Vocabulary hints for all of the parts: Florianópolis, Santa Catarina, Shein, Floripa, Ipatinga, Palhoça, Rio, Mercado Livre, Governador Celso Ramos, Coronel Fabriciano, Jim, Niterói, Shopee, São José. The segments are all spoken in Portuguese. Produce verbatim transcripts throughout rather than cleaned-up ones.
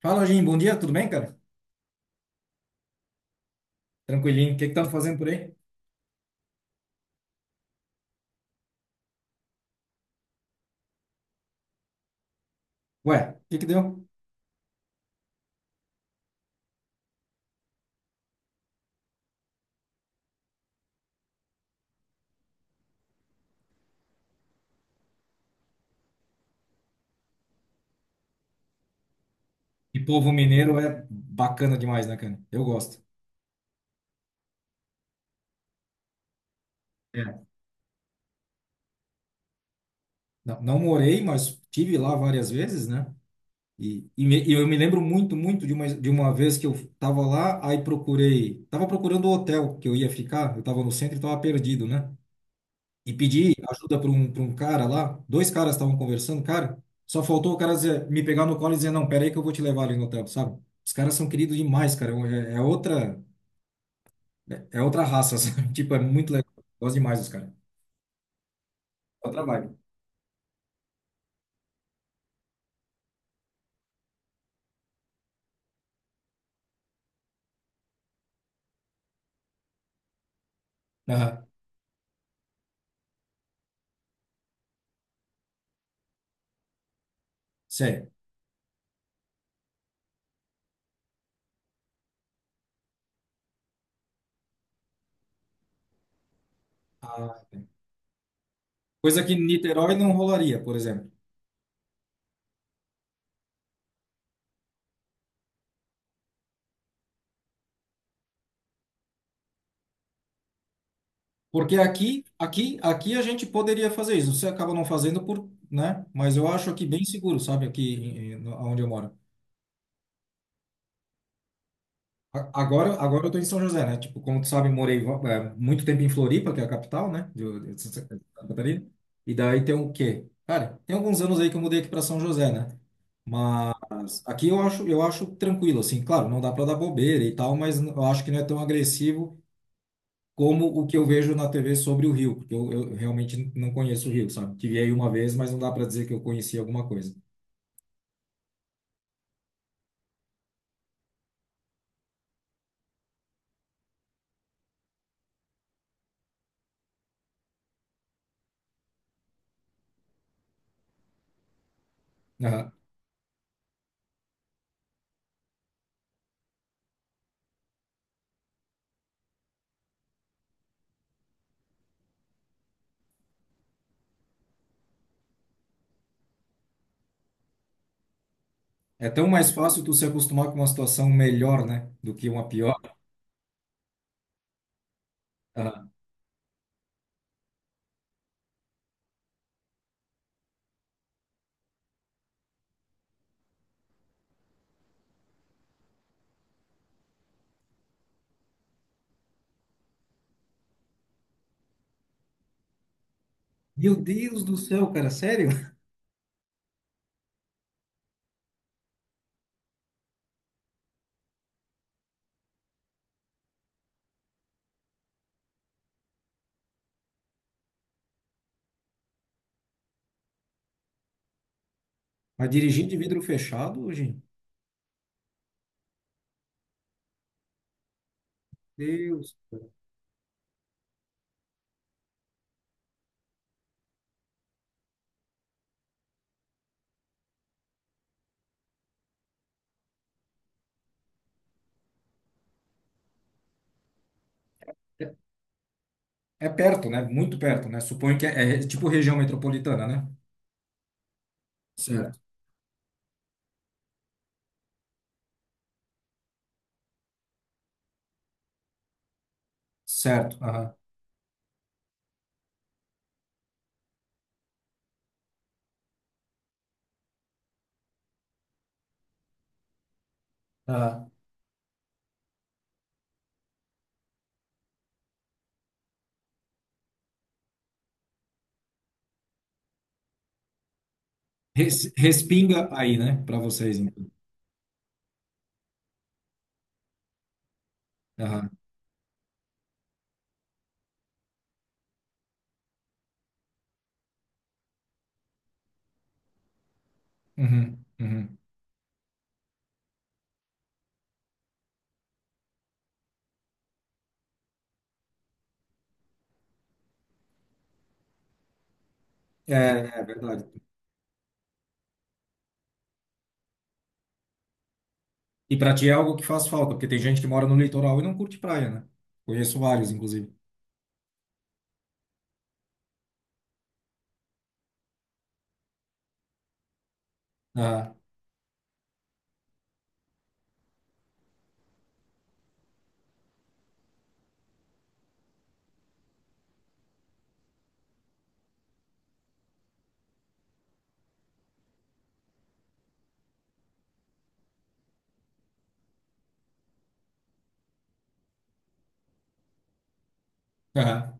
Fala, Jim. Bom dia, tudo bem, cara? Tranquilinho. O que que tá fazendo por aí? Ué, o que que deu? E povo mineiro é bacana demais, né, cara? Eu gosto. É. Não, não morei, mas tive lá várias vezes, né? E, e, me- e eu me lembro muito, muito de uma, de uma vez que eu tava lá, aí procurei, tava procurando o hotel que eu ia ficar, eu tava no centro e tava perdido, né? E pedi ajuda para um, para um cara lá. Dois caras estavam conversando, cara. Só faltou o cara dizer- me pegar no colo e dizer: "Não, pera aí que eu vou te levar ali no hotel", sabe? Os caras são queridos demais, cara. É, é outra, é outra raça, sabe? Tipo, é muito legal. Gosto demais dos caras. É outra vibe. Aham. Sério. Ah, coisa que em Niterói não rolaria, por exemplo. Porque aqui, aqui, aqui a gente poderia fazer isso. Você acaba não fazendo por, né? Mas eu acho aqui bem seguro, sabe? Aqui, em- em- no- onde eu moro. A- Agora, agora eu tô em São José, né? Tipo, como tu sabe, morei eh, muito tempo em Floripa, que é a capital, né? De, de Santa Catarina. E daí tem o quê? Cara, tem alguns anos aí que eu mudei aqui para São José, né? Mas aqui eu acho, eu acho tranquilo, assim. Claro, não dá para dar bobeira e tal, mas eu acho que não é tão agressivo como o que eu vejo na T V sobre o Rio, porque eu, eu realmente não conheço o Rio, sabe? Tive aí uma vez, mas não dá para dizer que eu conheci alguma coisa. Aham. É tão mais fácil tu se acostumar com uma situação melhor, né? Do que uma pior. Meu Deus do céu, cara, sério? Mas dirigindo de vidro fechado, hoje, Deus. É é perto, né? Muito perto, né? Suponho que é, é tipo região metropolitana, né? Certo. Certo. Aham. Aham. Res- respinga aí, né? Para vocês, então. Aham. Uhum. Uhum. É, é verdade. E para ti é algo que faz falta, porque tem gente que mora no litoral e não curte praia, né? Conheço vários, inclusive. Aham. Aham.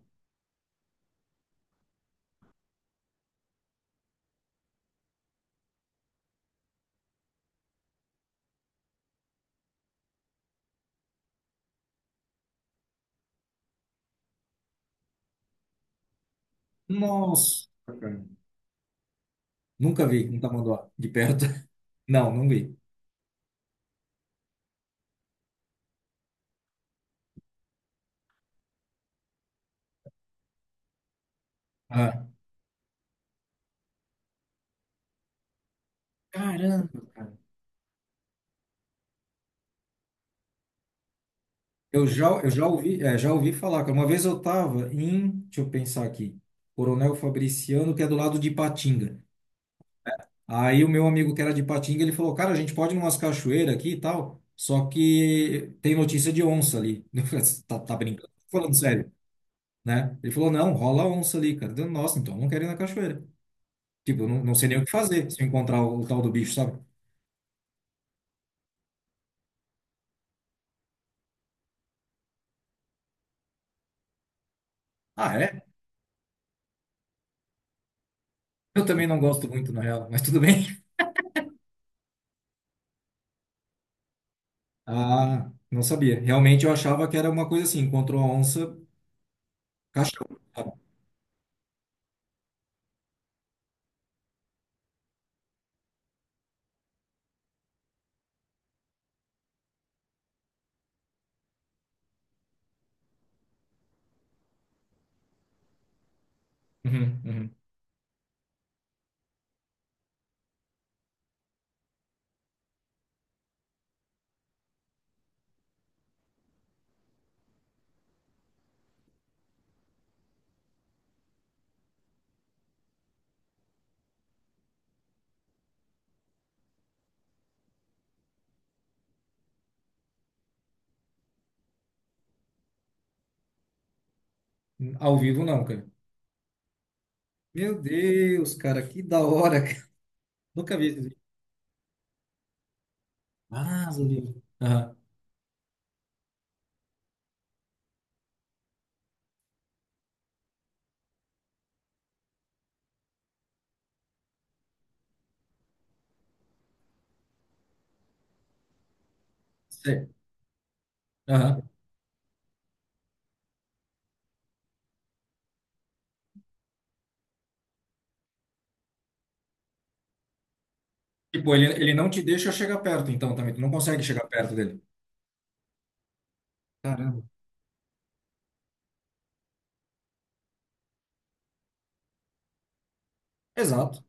Nossa, cara. Nunca vi um tamanduá de perto. Não, não vi. Caramba, cara. Eu já, eu já ouvi, é, já ouvi falar, cara. Uma vez eu tava em, deixa eu pensar aqui, Coronel Fabriciano, que é do lado de Ipatinga. Aí o meu amigo que era de Ipatinga, ele falou, cara, a gente pode ir numas cachoeiras aqui e tal, só que tem notícia de onça ali. Eu falei, "Você tá, tá brincando? Tô falando sério, né?" Ele falou, não, rola onça ali, cara. Eu, nossa, então eu não quero ir na cachoeira. Tipo, eu não, não sei nem o que fazer se eu encontrar o, o tal do bicho, sabe? Ah, é? Eu também não gosto muito, na real, mas tudo bem. Ah, não sabia. Realmente eu achava que era uma coisa assim, encontrou a onça, caixão. Sabe? Uhum. Hum, ao vivo não, cara. Meu Deus, cara, que da hora, cara. Nunca vi esse vídeo. Ah, ao vivo. Aham, sei. Aham. Tipo, ele, ele não te deixa chegar perto, então, também. Tu não consegue chegar perto dele. Caramba. Exato,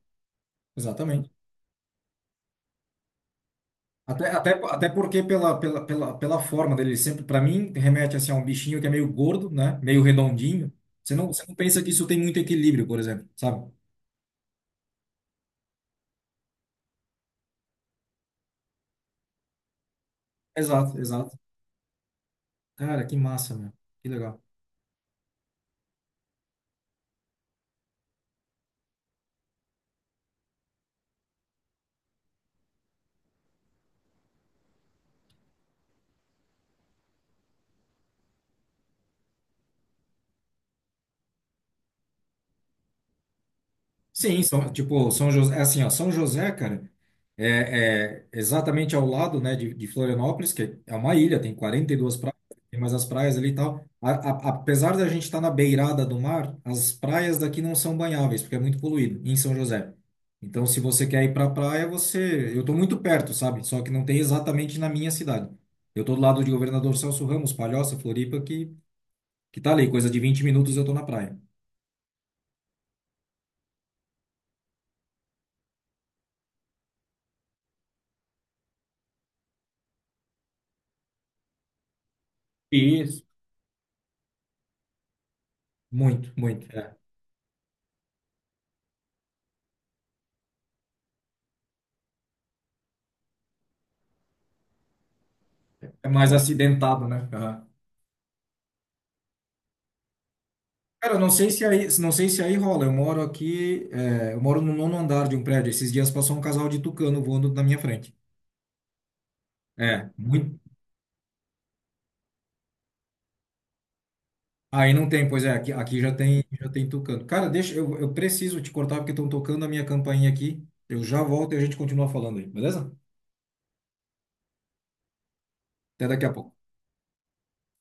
exatamente. Até, até, até porque pela, pela, pela, pela forma dele, sempre, para mim, remete assim, a um bichinho que é meio gordo, né? Meio redondinho. Você não, você não pensa que isso tem muito equilíbrio, por exemplo, sabe? Exato, exato. Cara, que massa, meu. Que legal. Sim, são, tipo, São José, é assim, ó, São José, cara, é, é exatamente ao lado, né, de, de Florianópolis, que é uma ilha, tem quarenta e duas praias, tem mais as praias ali e tal. A, a, apesar da gente estar na beirada do mar, as praias daqui não são banháveis, porque é muito poluído, em São José. Então, se você quer ir pra praia, você... Eu tô muito perto, sabe? Só que não tem exatamente na minha cidade. Eu tô do lado de Governador Celso Ramos, Palhoça, Floripa, que, que tá ali, coisa de vinte minutos eu tô na praia. Isso, muito, muito. É, é mais acidentado, né? Aham. Cara, não sei se aí, não sei se aí rola. Eu moro aqui, é, eu moro no nono andar de um prédio. Esses dias passou um casal de tucano voando na minha frente. É, muito. Aí não tem, pois é, aqui, aqui já tem, já tem tucano. Cara, deixa, eu, eu preciso te cortar porque estão tocando a minha campainha aqui. Eu já volto e a gente continua falando aí, beleza? Até daqui a pouco.